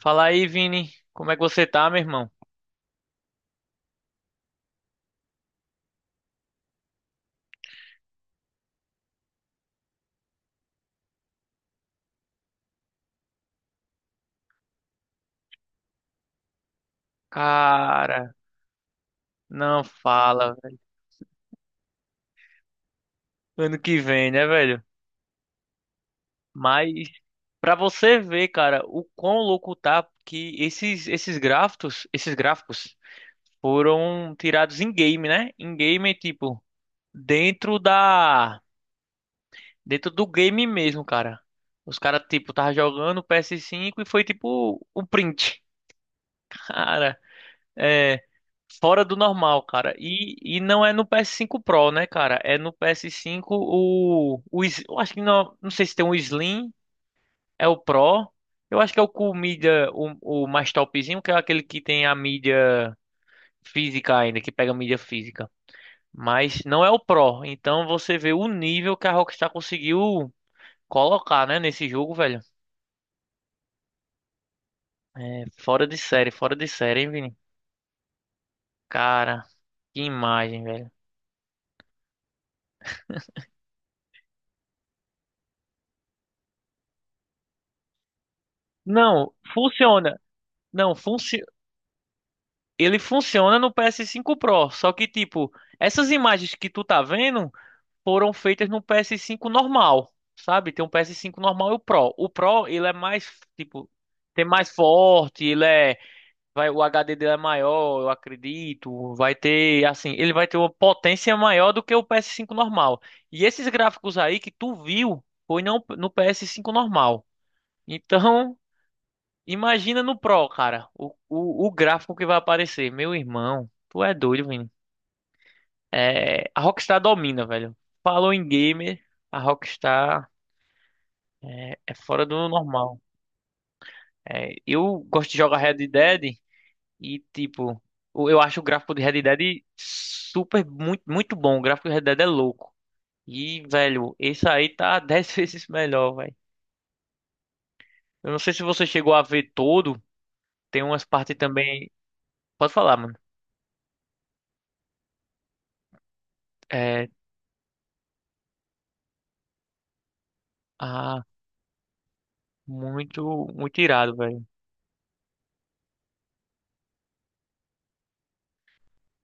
Fala aí, Vini. Como é que você tá, meu irmão? Cara, não fala, velho. Ano que vem, né, velho? Mas pra você ver, cara, o quão louco tá que esses gráficos, esses gráficos foram tirados em game, né? Em game, tipo, dentro da dentro do game mesmo, cara. Os caras tipo tava jogando PS5 e foi tipo o print. Cara, é fora do normal, cara. E não é no PS5 Pro, né, cara? É no PS5 o Slim- eu acho que não sei se tem um Slim, é o Pro. Eu acho que é o com mídia, o mais topzinho, que é aquele que tem a mídia física ainda, que pega mídia física. Mas não é o Pro. Então você vê o nível que a Rockstar conseguiu colocar, né, nesse jogo, velho. É fora de série, hein, Vini? Cara, que imagem, velho. Não, funciona. Não, ele funciona no PS5 Pro, só que tipo, essas imagens que tu tá vendo foram feitas no PS5 normal, sabe? Tem um PS5 normal e o Pro. O Pro, ele é mais tipo, tem mais forte, ele é, vai o HD dele é maior, eu acredito, vai ter assim, ele vai ter uma potência maior do que o PS5 normal. E esses gráficos aí que tu viu foi não, no PS5 normal. Então, imagina no Pro, cara, o gráfico que vai aparecer. Meu irmão, tu é doido, Vini. É, a Rockstar domina, velho. Falou em gamer, a Rockstar é fora do normal. É, eu gosto de jogar Red Dead e, tipo, o- eu acho o gráfico de Red Dead super, muito, muito bom. O gráfico de Red Dead é louco. E, velho, esse aí tá 10 vezes melhor, velho. Eu não sei se você chegou a ver todo. Tem umas partes também. Pode falar, mano. É. Muito, muito irado, velho.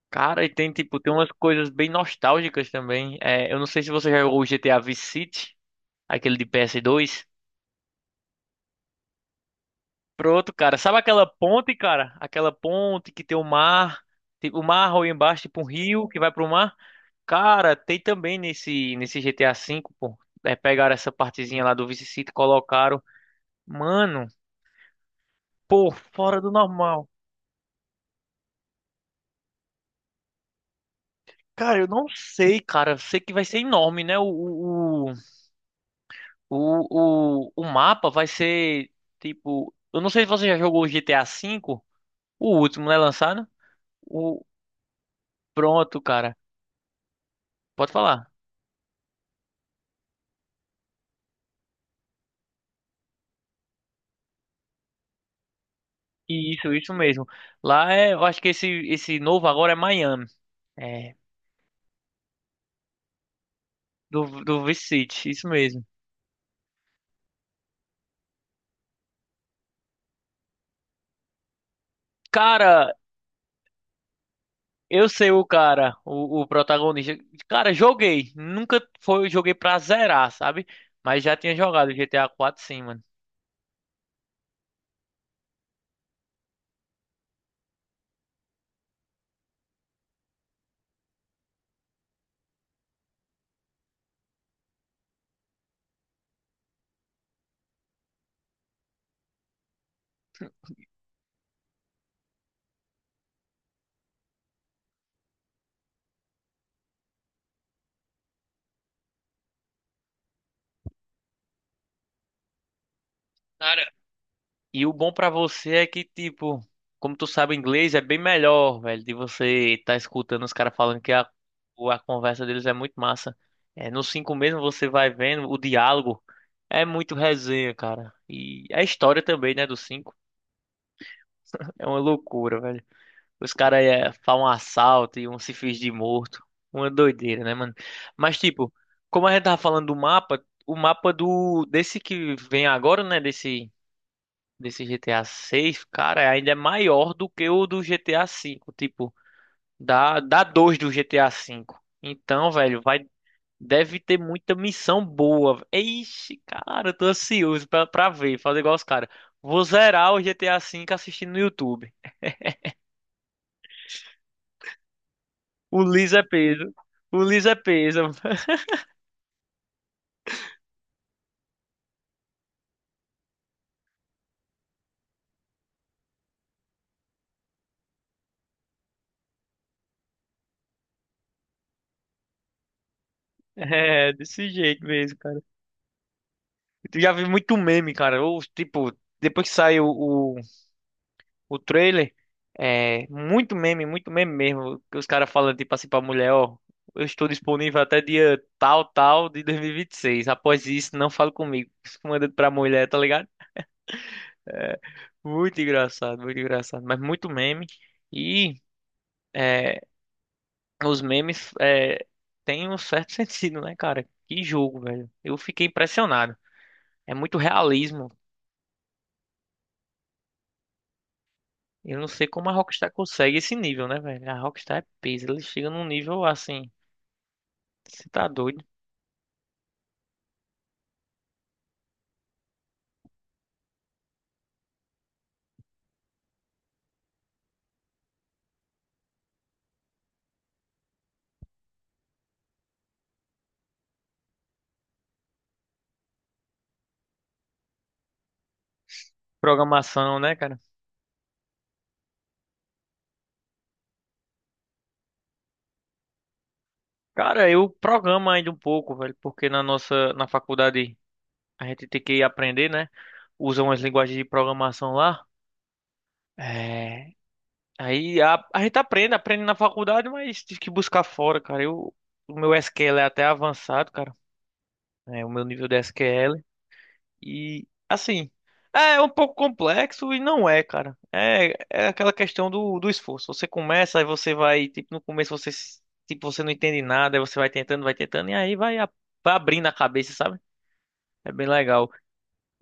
Cara, e tem, tipo, tem umas coisas bem nostálgicas também. É, eu não sei se você já jogou o GTA Vice City, aquele de PS2. Pronto, cara. Sabe aquela ponte, cara? Aquela ponte que tem o mar, tipo, o mar ou embaixo, tipo um rio que vai pro mar. Cara, tem também nesse GTA V, pô. É, pegaram essa partezinha lá do Vice City, e colocaram. Mano, pô, fora do normal. Cara, eu não sei, cara. Eu sei que vai ser enorme, né? O mapa vai ser tipo. Eu não sei se você já jogou o GTA V, o último, né? Lançado. O, pronto, cara. Pode falar. E isso mesmo. Lá é. Eu acho que esse novo agora é Miami. É. Do Vice City, isso mesmo. Cara, eu sei o cara, o protagonista. Cara, joguei. Nunca foi, joguei pra zerar, sabe? Mas já tinha jogado o GTA 4 sim, mano. E o bom pra você é que, tipo, como tu sabe inglês, é bem melhor, velho, de você estar escutando os caras falando que a, o- a conversa deles é muito massa. É, no 5 mesmo você vai vendo o diálogo. É muito resenha, cara. E a história também, né, do cinco. É uma loucura, velho. Os caras é, fazem um assalto e um se finge de morto. Uma doideira, né, mano? Mas, tipo, como a gente tava falando do mapa, o mapa do desse que vem agora, né, desse GTA 6, cara, ainda é maior do que o do GTA 5, tipo, dá dois do GTA 5. Então, velho, vai deve ter muita missão boa. Ixi, cara, eu tô ansioso pra ver, fazer igual os caras. Vou zerar o GTA 5 assistindo no YouTube. O liso é peso. O liso é peso. É, desse jeito mesmo, cara. Eu já vi muito meme, cara. Eu, tipo, depois que saiu o trailer, é muito meme mesmo. Que os caras falam tipo assim pra mulher, ó, eu estou disponível até dia tal, tal de 2026. Após isso, não fale comigo. Isso manda pra mulher, tá ligado? Muito engraçado, muito engraçado. Mas muito meme. E é, os memes é, têm um certo sentido, né, cara? Que jogo, velho. Eu fiquei impressionado. É muito realismo. Eu não sei como a Rockstar consegue esse nível, né, velho? A Rockstar é peso. Ele chega num nível assim. Você tá doido? Programação, né, cara? Cara, eu programo ainda um pouco, velho, porque na faculdade a gente tem que aprender, né? Usa umas linguagens de programação lá. É... Aí a gente aprende, aprende na faculdade, mas tem que buscar fora, cara. Eu, o meu SQL é até avançado, cara. É, o meu nível de SQL. E assim, é um pouco complexo e não é, cara. É, é aquela questão do esforço. Você começa, aí você vai, tipo, no começo você s- tipo, você não entende nada, aí você vai tentando, e aí vai, a- vai abrindo a cabeça, sabe? É bem legal.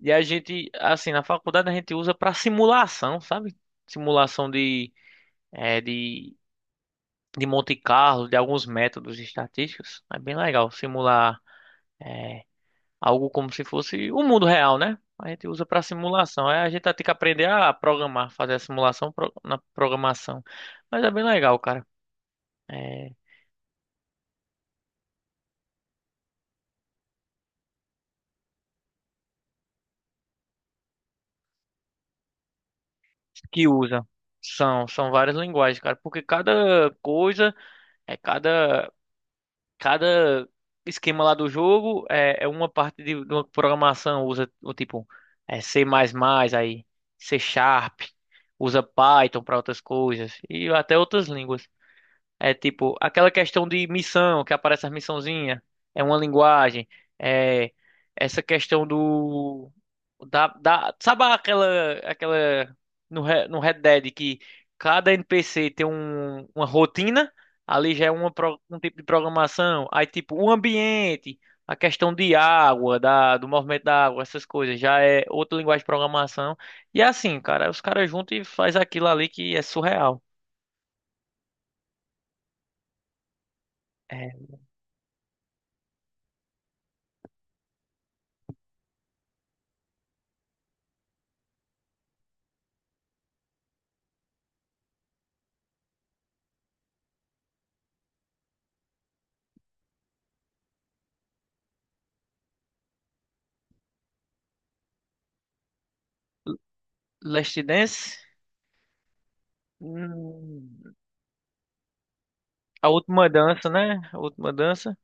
E a gente, assim, na faculdade a gente usa pra simulação, sabe? Simulação é, de, de Monte Carlo, de alguns métodos estatísticos. É bem legal simular. É, Algo como se fosse o mundo real, né? A gente usa para simulação. É, a gente vai ter que aprender a programar, fazer a simulação pro- na programação. Mas é bem legal, cara. É, que usa. São várias linguagens, cara. Porque cada coisa, é cada, cada esquema lá do jogo é, é uma parte de uma programação. Usa o tipo é C++, aí C Sharp, usa Python para outras coisas e até outras línguas. É tipo, aquela questão de missão, que aparece as missãozinhas, é uma linguagem, é essa questão do da sabe aquela aquela no, Re- no Red Dead que cada NPC tem um, uma rotina, ali já é uma, pro- um tipo de programação, aí tipo o ambiente, a questão de água, do movimento da água, essas coisas, já é outra linguagem de programação. E é assim, cara, os caras juntam e faz aquilo ali que é surreal. É Last Dance. Hum, a última dança, né? A última dança.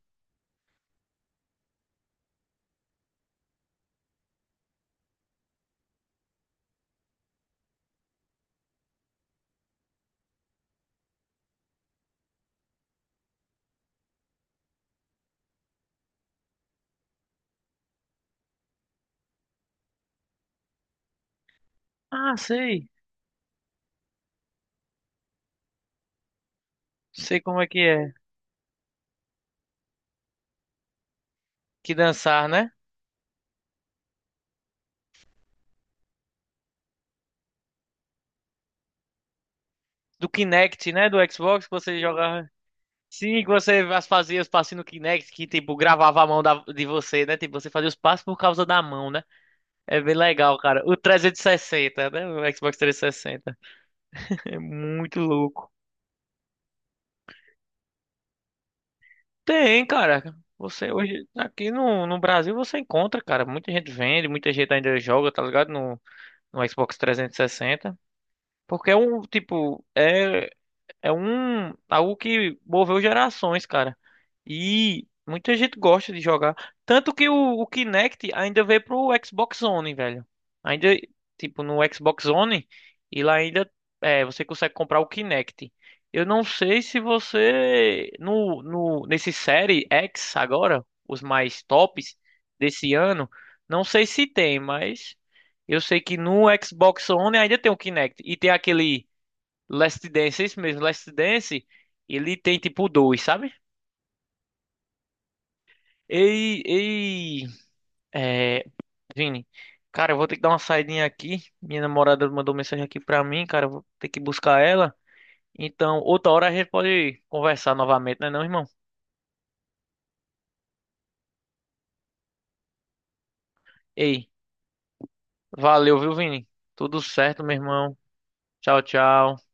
Ah, sei. Sei como é. Que dançar, né? Do Kinect, né? Do Xbox que você jogava. Sim, que você as- fazia os passos no Kinect, que tipo, gravava a mão da- de você, né? Tipo, você fazia os passos por causa da mão, né? É bem legal, cara. O 360, né? O Xbox 360. É muito louco. Tem, cara. Você hoje, aqui no, no Brasil, você encontra, cara. Muita gente vende, muita gente ainda joga, tá ligado? No, no Xbox 360. Porque é um, tipo, é, é um algo que moveu gerações, cara. E muita gente gosta de jogar. Tanto que o Kinect ainda veio pro Xbox One, velho. Ainda, tipo, no Xbox One, e lá ainda é, você consegue comprar o Kinect. Eu não sei se você no, no nesse série X agora, os mais tops desse ano, não sei se tem, mas eu sei que no Xbox One ainda tem o Kinect e tem aquele Last Dance, é isso mesmo, Last Dance, ele tem tipo dois, sabe? Ei, ei, é, Vini, cara, eu vou ter que dar uma saidinha aqui. Minha namorada mandou mensagem aqui pra mim, cara, eu vou ter que buscar ela. Então, outra hora a gente pode conversar novamente, né, não, irmão? Ei, valeu, viu, Vini? Tudo certo, meu irmão. Tchau, tchau.